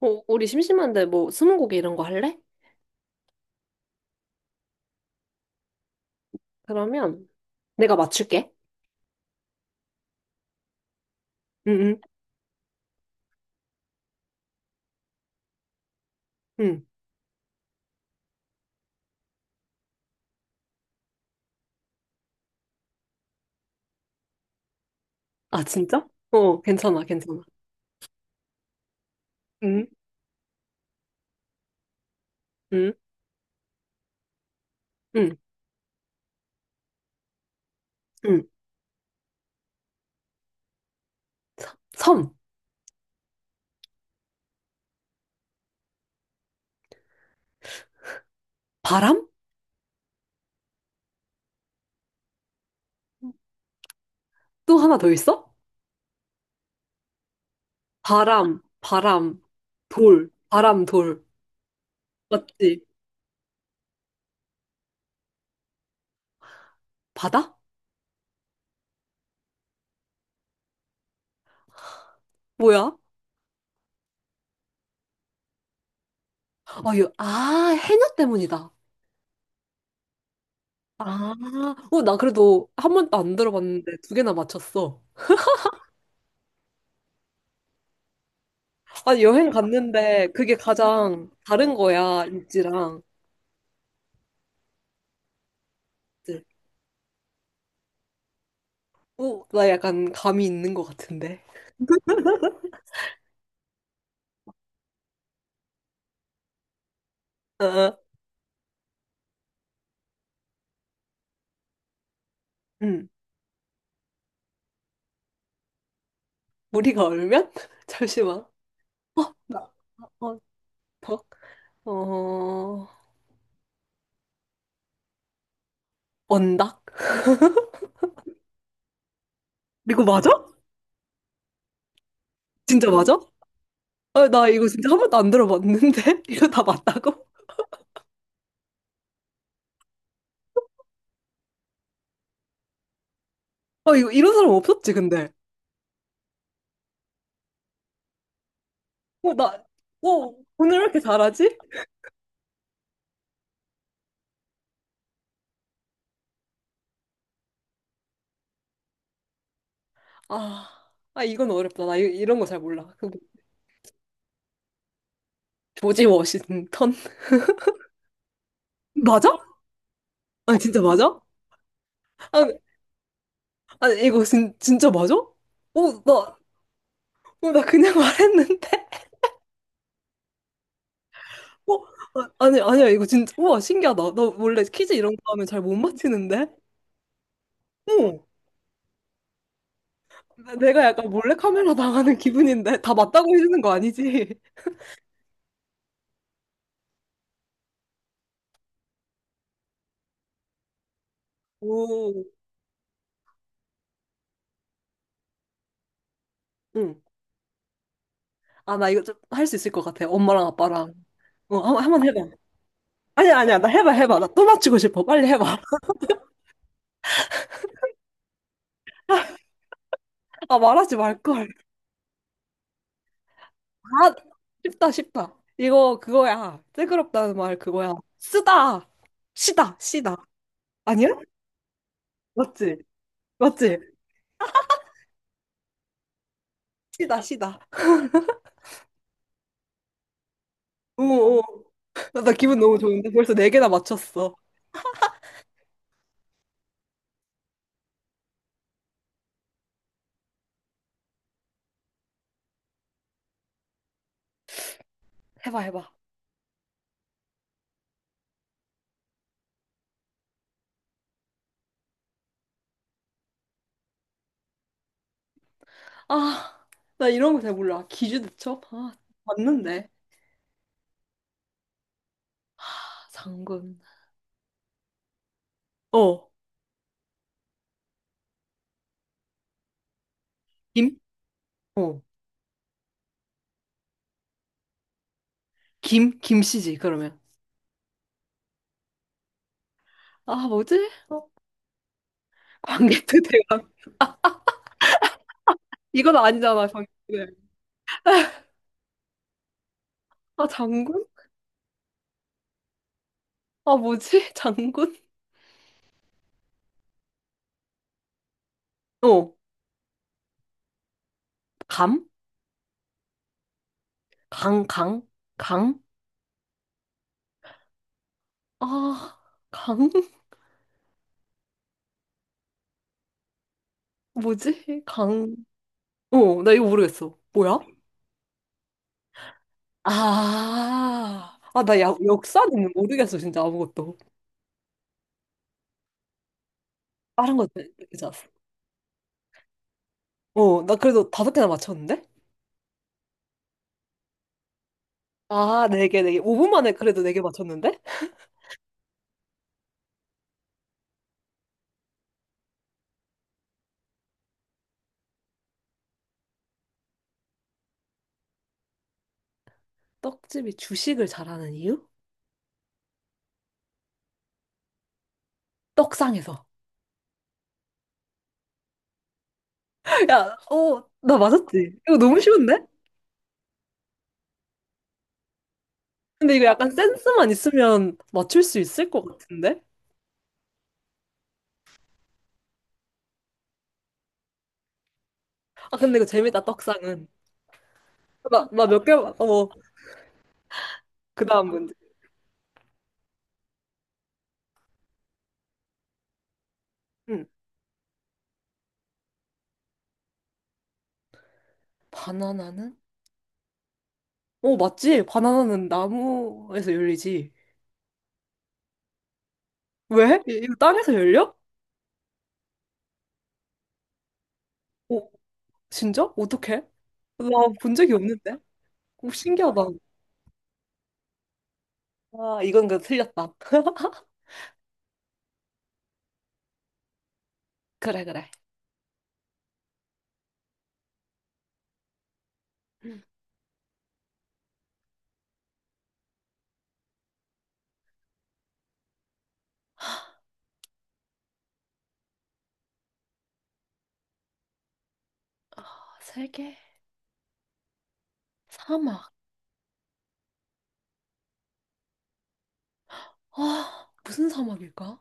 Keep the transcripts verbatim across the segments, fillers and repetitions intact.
어, 우리 심심한데 뭐 스무고개 이런 거 할래? 그러면 내가 맞출게. 응, 응, 응. 아, 진짜? 어, 괜찮아, 괜찮아. 응, 응, 응, 응. 섬, 바람? 또 하나 더 있어? 바람, 바람, 돌, 바람, 돌. 맞지? 바다? 뭐야? 아, 이거, 아, 해녀 때문이다. 아, 어, 나 그래도 한 번도 안 들어봤는데 두 개나 맞췄어. 아, 여행 갔는데 그게 가장 다른 거야, 일지랑. 오, 나 약간 감이 있는 것 같은데. 어, 어, 음. 우리가 얼면? 잠시만. 어, 나, 어, 덕? 어, 언덕? 이거 맞아? 진짜 맞아? 아, 나 이거 진짜 한 번도 안 들어봤는데? 이거 다 맞다고? 아, 이거 이런 사람 없었지, 근데. 어, 나, 어, 오늘 왜 이렇게 잘하지? 아, 아, 이건 어렵다. 나 이 런 거 잘 몰라. 그 조지 워싱턴? 맞아? 아, 진짜 맞아? 아, 아 이거 진, 진짜 맞아? 어, 나, 어, 나 그냥 말했는데? 어? 아, 아니, 아니야, 이거 진짜. 우와, 신기하다. 나 원래 퀴즈 이런 거 하면 잘 못 맞히는데? 어. 나- 내가 약간 몰래 카메라 당하는 기분인데? 다 맞다고 해주는 거 아니지? 오. 응. 아, 나 이거 좀 할 수 있을 것 같아. 엄마랑 아빠랑. 어, 한, 한번 해봐. 아니야, 아니야. 나 해봐, 해봐. 나 또 맞추고 싶어. 빨리 해봐. 아, 말하지 말걸. 아, 쉽다, 쉽다. 이거 그거야. 뜬그럽다는 말 그거야. 쓰다. 시다, 시다. 아니야? 맞지? 맞지? 시다, 시다. 어어. 나, 나 기분 너무 좋은데? 벌써 네 개나 맞췄어. 해봐, 해봐. 아, 나 이런 거 잘 몰라. 기주대첩? 아, 맞는데. 아, 장군. 어. 김? 어. 김? 김씨지, 그러면. 아, 뭐지? 어. 광개토 대왕. 이건 아니잖아, 광개토 대왕. 아, 장군? 아, 뭐지? 장군? 어. 감? 강, 강? 강? 아, 강? 뭐지? 강. 어, 나 이거 모르겠어. 뭐야? 아, 아, 나 야, 역사는 모르겠어, 진짜 아무것도. 다른 것도 괜찮았어. 어, 나 그래도 다섯 개나 맞췄는데? 아, 네 개, 네 개. 오 분 만에 그래도 네 개 맞췄는데? 떡집이 주식을 잘하는 이유? 떡상에서. 야, 어, 나 맞았지? 이거 너무 쉬운데? 근데 이거 약간 센스만 있으면 맞출 수 있을 것 같은데? 아, 근데 이거 재밌다, 떡상은. 나, 나 몇 개, 맞- 어, 그 다음 문제. 응. 바나나는? 어, 맞지? 바나나는 나무에서 열리지. 왜? 이- 이거 땅에서 열려? 오, 진짜? 어떡해? 나 본 적이 없는데? 오, 신기하다. 아, 이건 그 틀렸다. 그래, 그래. 아, 세계 사막. 아, 무슨 사막일까?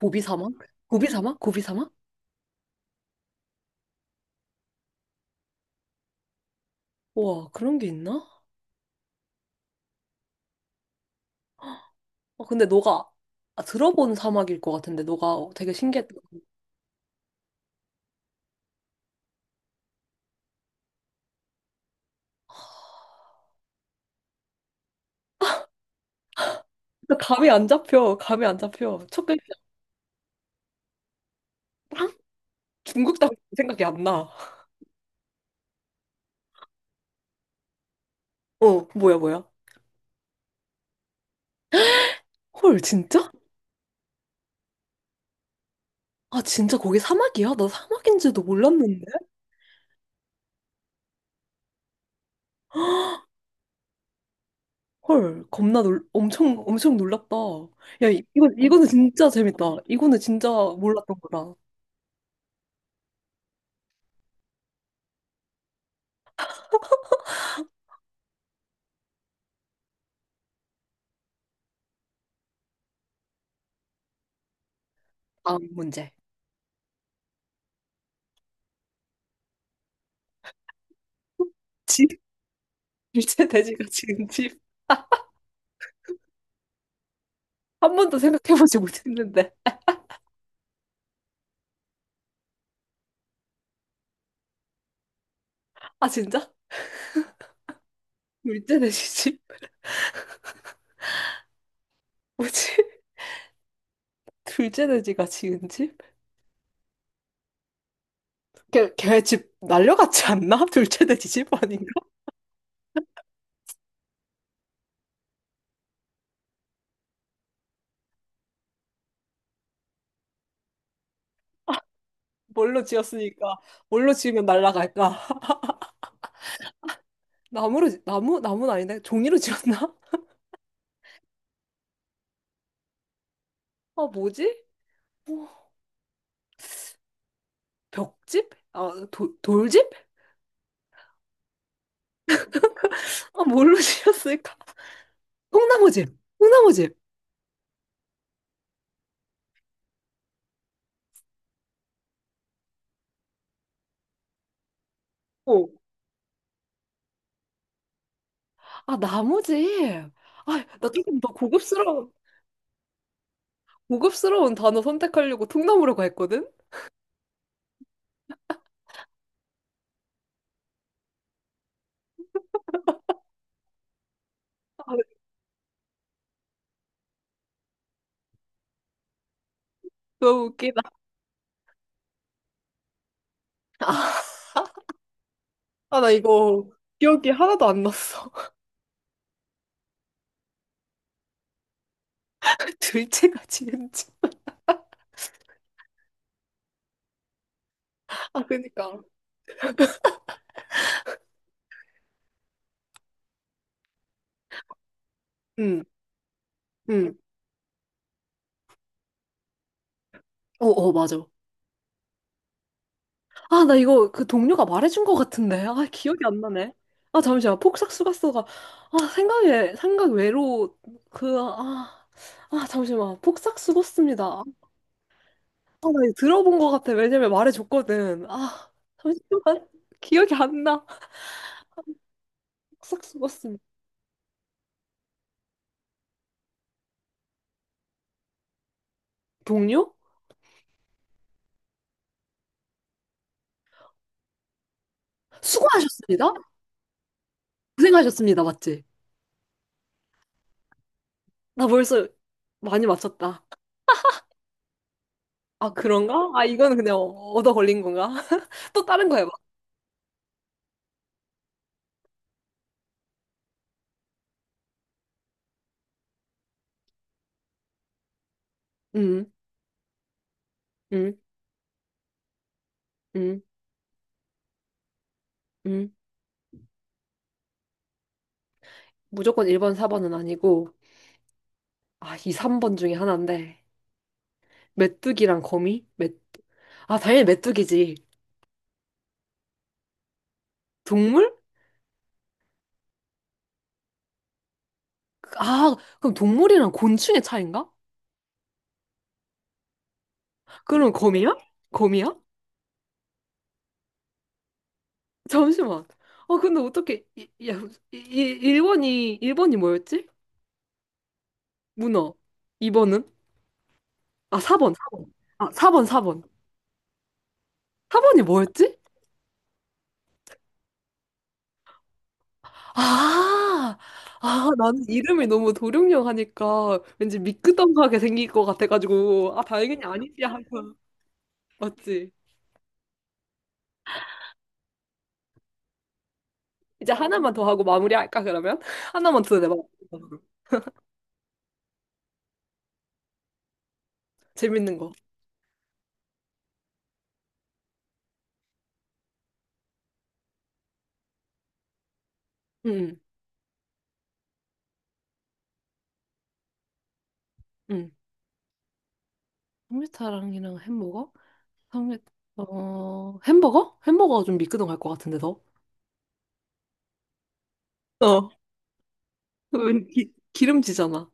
고비 사막? 고비 사막? 고비 사막? 우와, 그런 게 있나? 아, 근데 너가 아, 들어본 사막일 것 같은데, 너가 어, 되게 신기했던 나 감이 안 잡혀, 감이 안 잡혀. 첫 글자, 빵? 중국 땅 생각이 안 나. 어, 뭐야, 뭐야? 헐, 진짜? 아, 진짜 거기 사막이야? 나 사막인지도 몰랐는데? 헐, 겁나 놀, 엄청, 엄청 놀랐다. 야, 이- 이거, 이거는 진짜 재밌다. 이거는 진짜 몰랐던 거다. 다음 문제. 집, 둘째 돼지가 지금 집. 한 번도 생각해보지 못했는데. 아, 진짜? 둘째 돼지 집? 뭐지? 둘째 돼지가 지은 집? 걔, 걔집 날려갔지 않나? 둘째 돼지 집 아닌가? 뭘로 지었으니까. 뭘로 지으면 날라갈까? 나무로, 지- 나무? 나무는 아닌데? 종이로 지었나? 아, 뭐지? 뭐, 벽집? 아, 도, 돌집? 아, 뭘로 지었을까? 통나무집. 통나무집. 어. 아, 나무집. 아, 나 조금 더 고급스러운, 고급스러운 단어 선택하려고 통나무라고 했거든? 아, 너무 웃기다. 아, 나 이거 기억이 하나도 안 났어. 둘째가 지은지. 아, 그니까. 응, 응. 어, 어, 맞아. 아, 나 이거 그 동료가 말해준 것 같은데. 아, 기억이 안 나네. 아, 잠시만. 폭삭 수고스가 아, 생각에, 생각 외로, 그, 아, 아, 잠시만. 폭삭 고았습니다 아, 나 이거 들어본 것 같아. 왜냐면 말해줬거든. 아, 잠시만. 기억이 안 나. 폭삭 고았습니다 동료? 수고하셨습니다. 고생하셨습니다. 맞지? 나 벌써 많이 맞췄다. 아, 그런가? 아, 이거는 그냥 얻어 걸린 건가? 또 다른 거 해봐. 음, 음, 음, 음. 무조건 일 번, 사 번은 아니고, 아, 이, 삼 번 중에 하나인데, 메뚜기랑 거미? 메... 아, 당연히 메뚜기지. 동물? 아, 그럼 동물이랑 곤충의 차이인가? 그럼 거미야? 거미야? 잠시만. 아, 근데 어떻게, 이- 야, 이- 이- 일 번이, 일 번이 뭐였지? 문어. 이 번은? 아, 사번 사 번. 아, 사 번, 사 번. 사 번이 뭐였지? 아, 아, 나는 이름이 너무 도룡뇽 하니까 왠지 미끄덩하게 생길 것 같아가지고, 아, 다행히 아니지 하고. 맞지? 이제 하나만 더 하고 마무리할까, 그러면? 하나만 더 내봐. 재밌는 거. 응, 응. 삼계탕이랑 햄버거? 삼계, 어, 햄버거? 햄버거가 좀 미끄덩할 것 같은데, 더? 어, 왠 기, 기름지잖아.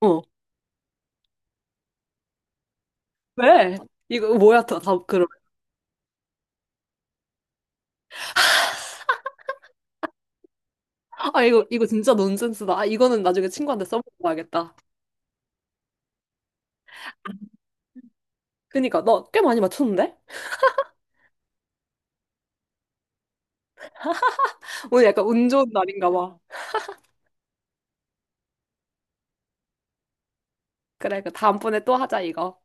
어. 왜? 이거 뭐야, 다, 다 그럼. 아, 이거, 이거 진짜 논센스다. 아, 이거는 나중에 친구한테 써먹어야겠다. 그니까 너 꽤 많이 맞췄는데? 오늘 약간 운 좋은 날인가 봐. 그래, 그 다음번에 또 하자, 이거.